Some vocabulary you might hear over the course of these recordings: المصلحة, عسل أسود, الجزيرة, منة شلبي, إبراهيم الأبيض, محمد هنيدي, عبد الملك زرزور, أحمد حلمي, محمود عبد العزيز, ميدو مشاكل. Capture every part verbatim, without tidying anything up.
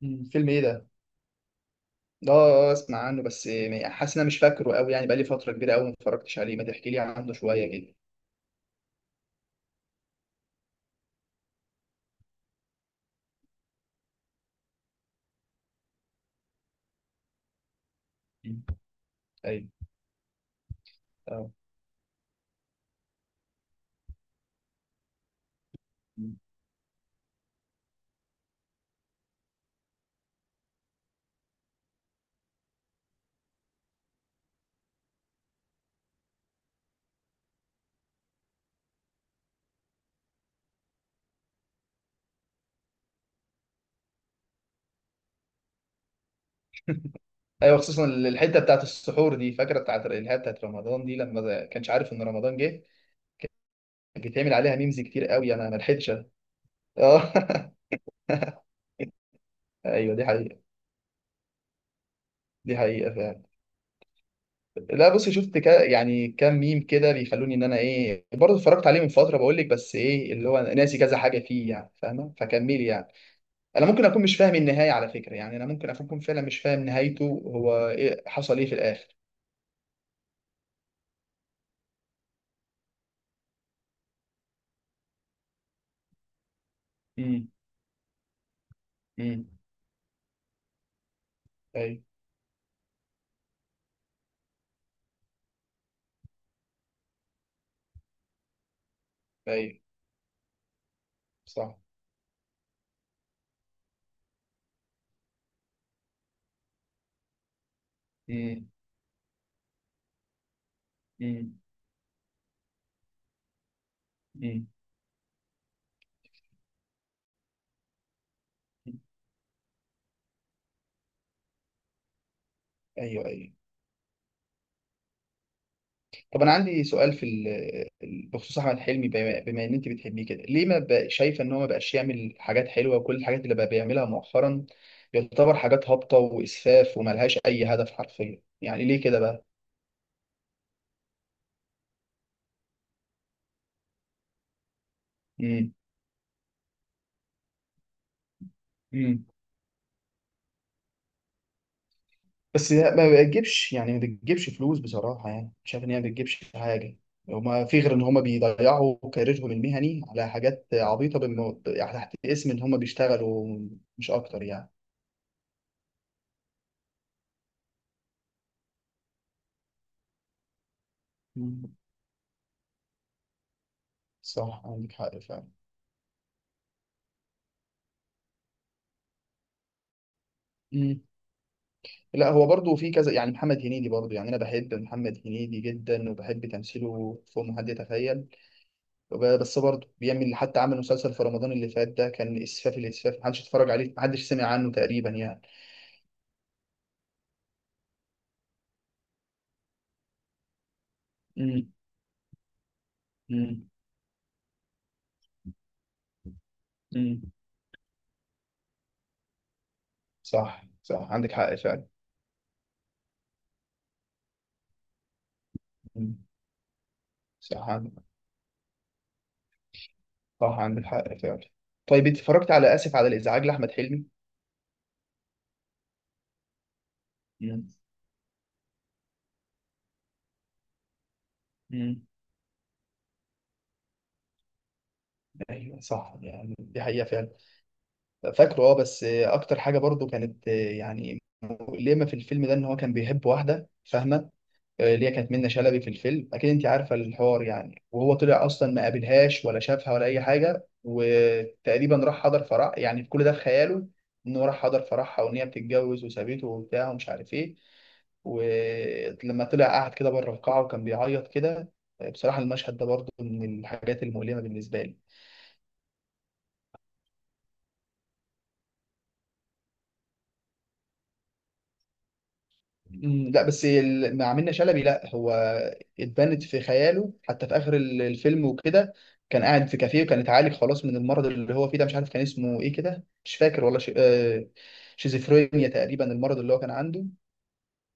مم. فيلم ايه ده؟ اه آه، اسمع عنه بس يعني حاسس ان انا مش فاكره قوي يعني بقالي فترة كبيرة قوي ما اتفرجتش عليه، ما تحكي لي عنه شوية كده. مم. ايوه. اه. مم. ايوه، خصوصا الحتة بتاعت السحور دي، فاكرة بتاعت اللي هي بتاعت رمضان دي لما ما كانش عارف ان رمضان جه، كان بيتعمل عليها ميمز كتير قوي. انا ما لحقتش أ- اه. ايوه دي حقيقة. دي حقيقة فعلا. لا بص، شفت كا يعني كام ميم كده بيخلوني ان انا ايه برضه اتفرجت عليه من فترة، بقول لك بس ايه اللي هو ناسي كذا حاجة فيه، يعني فاهمة، فكملي يعني. انا ممكن اكون مش فاهم النهايه على فكره، يعني انا ممكن اكون فعلا مش فاهم نهايته هو ايه، حصل ايه في الاخر. امم. امم. ايوه. ايوه. صح. امم. امم. امم. ايوه. ايوه. طب انا عندي سؤال في ال- ال- بخصوص احمد حلمي، بما بما ان انت بتحبيه كده، ليه ما بقى شايفه ان هو ما بقاش يعمل حاجات حلوه، وكل الحاجات اللي بقى بيعملها مؤخرا يعتبر حاجات هابطه واسفاف وملهاش اي هدف حرفيا، يعني ليه كده بقى؟ امم. بس لا، ما بتجيبش يعني، ما بتجيبش فلوس بصراحة، يعني شايف إن هي ما بتجيبش حاجة، وما في غير إن هما بيضيعوا كاريرهم المهني على حاجات عبيطة بالم... يعني تحت اسم إن هما بيشتغلوا، مش أكتر يعني. مم. صح، عندك حق فعلا. مم. لا هو برضه في كذا، يعني محمد هنيدي برضه، يعني أنا بحب محمد هنيدي جدا وبحب تمثيله فوق ما حد يتخيل، وب- بس برضه بيعمل، حتى عمل مسلسل في رمضان اللي فات ده كان إسفاف الإسفاف، محدش اتفرج عليه، محدش سمع عنه تقريبا يعني. مم. مم. مم. صح صح، عندك حق فعلا. مم. صح عندك. صح عندك حق فعلا. طيب انت اتفرجت على اسف على الازعاج لاحمد حلمي؟ مم. مم. ايوه صح، يعني دي حقيقه فعلا. فاكره اه، بس اكتر حاجه برضو كانت آه، يعني مؤلمه في الفيلم ده، ان هو كان بيحب واحده فاهمه، آه، اللي هي كانت منة شلبي في الفيلم، اكيد انت عارفه الحوار يعني، وهو طلع اصلا ما قابلهاش ولا شافها ولا اي حاجه، وتقريبا راح حضر فرح يعني كل ده في خياله، انه راح حضر فرحها وان هي بتتجوز وسابته وبتاع ومش عارف ايه، ولما طلع قعد كده بره القاعه وكان بيعيط كده. آه، بصراحه المشهد ده برضه من الحاجات المؤلمه بالنسبه لي. مم، لا بس ال- مع منة شلبي لا هو اتبنت في خياله، حتى في اخر ال- الفيلم وكده، كان قاعد في كافيه وكان اتعالج خلاص من المرض اللي هو فيه ده، مش عارف كان اسمه ايه كده، مش فاكر والله، ش... آه، شيزوفرينيا تقريبا المرض اللي هو كان عنده.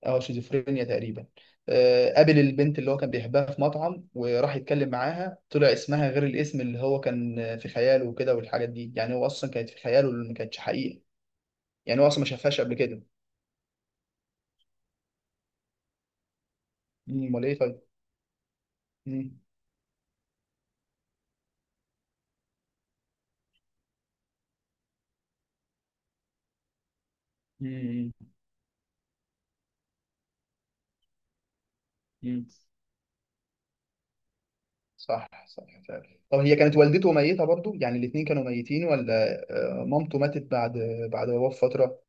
اه، شيزوفرينيا تقريبا. آه، قابل البنت اللي هو كان بيحبها في مطعم، وراح يتكلم معاها، طلع اسمها غير الاسم اللي هو كان آه، في خياله وكده، والحاجات دي يعني هو اصلا كانت في خياله اللي ما كانتش حقيقة، يعني هو اصلا ما شافهاش قبل كده. مم، امال ايه طيب. مم. مم. مم. صح صح فعلا. طب هي كانت والدته ميتة برضو يعني، الاتنين كانوا ميتين ولا؟ آه، مامته ماتت بعد، بعد وفاة فترة.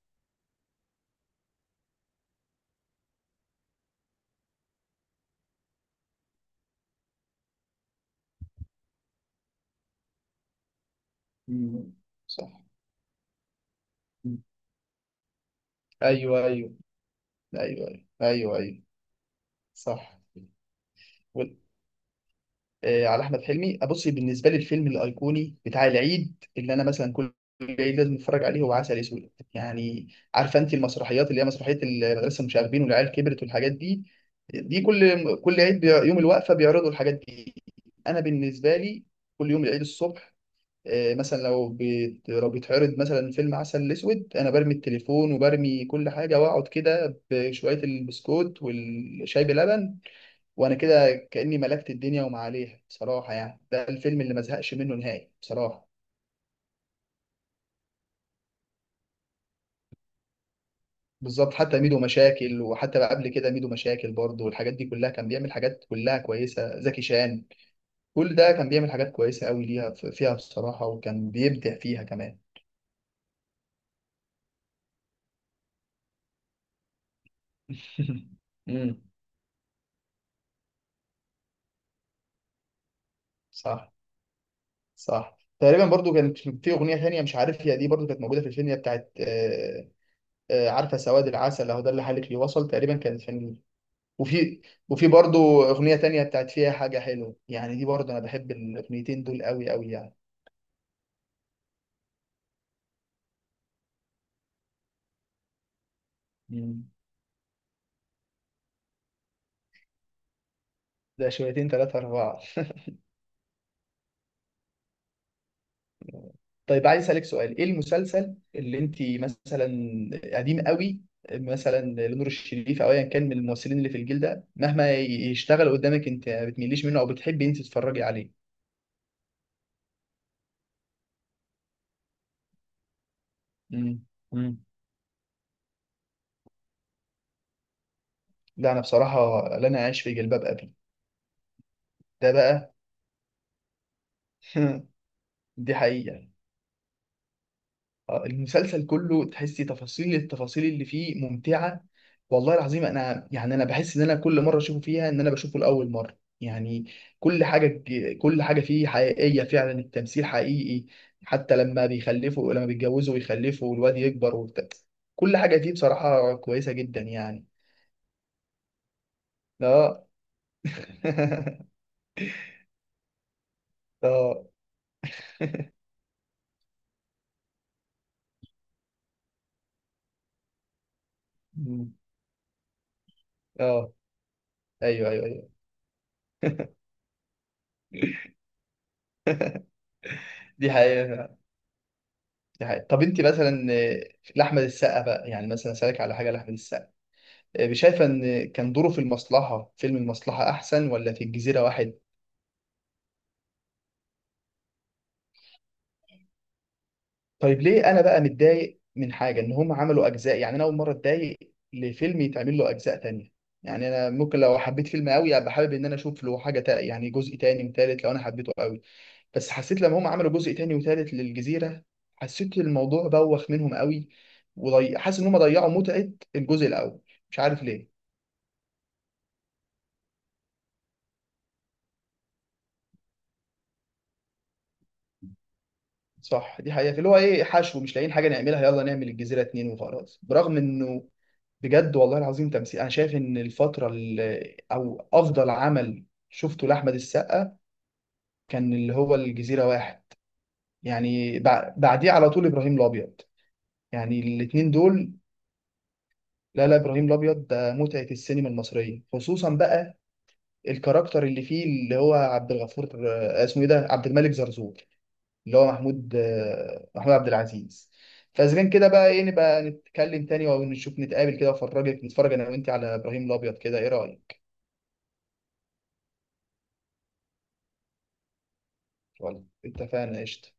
مم. صح. مم. ايوه ايوه ايوه. ايوه ايوه، أيوة. صح. آه، على احمد حلمي بصي، بالنسبه لي الفيلم الايقوني بتاع العيد، اللي انا مثلا كل العيد لازم اتفرج عليه، هو عسل اسود يعني. عارفه انت المسرحيات اللي هي مسرحيه المدرسه، المشاغبين، والعيال كبرت، والحاجات دي، دي كل كل عيد بي... يوم الوقفه بيعرضوا الحاجات دي. انا بالنسبه لي كل يوم العيد الصبح، آه، مثلا لو بيت... لو بيتعرض مثلا فيلم عسل اسود، انا برمي التليفون وبرمي كل حاجه واقعد كده بشويه البسكوت والشاي بلبن، وانا كده كاني ملكت الدنيا وما عليها بصراحه يعني، ده الفيلم اللي ما زهقش منه نهائي بصراحه. بالظبط، حتى ميدو مشاكل، وحتى بقى قبل كده ميدو مشاكل برضه والحاجات دي كلها، كان بيعمل حاجات كلها كويسه، زكي شان، كل ده كان بيعمل حاجات كويسه قوي ليها فيها بصراحه، وكان بيبدع فيها كمان. امم. صح. صح، تقريبا برضو كانت في اغنيه ثانيه، مش عارف هي دي برضو كانت موجوده في الفيلم، هي بتاعت آه، آه، عارفه سواد العسل اهو ده اللي حالك لي وصل، تقريبا كانت في، وفي وفي برضو اغنيه تانية بتاعت فيها حاجه حلوه يعني، دي برضو انا بحب الاغنيتين دول قوي قوي يعني. مم. ده شويتين ثلاثة أربعة. طيب عايز أسألك سؤال، إيه المسلسل اللي أنت مثلا قديم قوي، مثلا لنور الشريف أو أيا كان من الممثلين اللي في الجيل ده، مهما يشتغل قدامك أنت ما بتميليش منه أو بتحبي أنت تتفرجي عليه؟ مم. مم. لا أنا بصراحة، لا أنا عايش في جلباب أبي. ده بقى. دي حقيقة. آه، المسلسل كله تحسي تفاصيل التفاصيل اللي فيه ممتعة، والله العظيم انا يعني انا بحس ان انا كل مرة اشوفه فيها ان انا بشوفه لاول مرة يعني، كل حاجة ج- كل حاجة فيه حقيقية فعلا، التمثيل حقيقي، حتى لما بيخلفوا، لما بيتجوزوا ويخلفوا، والواد يكبر وبتاع، كل حاجة فيه بصراحة كويسة جدا يعني. اه. اه. مم. اه. ايوه ايوه ايوه. دي حقيقة. دي حقيقة. طب انت مثلا آه، لأحمد السقا بقى يعني، مثلا سألك على حاجة لأحمد السقا، آه، شايفة إن كان دوره في المصلحة، فيلم المصلحة أحسن، ولا في الجزيرة واحد؟ طيب ليه أنا بقى متضايق من حاجة إن هم عملوا أجزاء، يعني أنا أول مرة أتضايق لفيلم يتعمل له أجزاء تانية، يعني أنا ممكن لو حبيت فيلم قوي أبقى حابب إن أنا أشوف له حاجة تا... يعني جزء تاني وتالت لو أنا حبيته قوي، بس حسيت لما هم عملوا جزء تاني وتالت للجزيرة، حسيت الموضوع بوخ منهم قوي، وضي... حاسس إن هم ضيعوا متعة الجزء الأول، مش عارف ليه. صح، دي حقيقة، اللي هو ايه حشو، مش لاقيين حاجة نعملها، يلا نعمل الجزيرة اتنين وخلاص، برغم انه بجد والله العظيم تمثيل، انا شايف ان الفترة اللي، او افضل عمل شفته لأحمد السقا كان اللي هو الجزيرة واحد، يعني بع- بعديه على طول ابراهيم الابيض، يعني الاتنين دول. لا لا، ابراهيم الابيض ده متعة السينما المصرية خصوصا بقى، الكاركتر اللي فيه اللي هو عبد الغفور، آه، اسمه ايه ده، عبد الملك زرزور، اللي هو محمود، آه، محمود عبد العزيز. فاذا كان كده بقى ايه، نبقى نتكلم تاني او نشوف نتقابل كده وافرجك، نتفرج انا وانت على ابراهيم الابيض كده، ايه رايك؟ ولا اتفقنا، قشطه.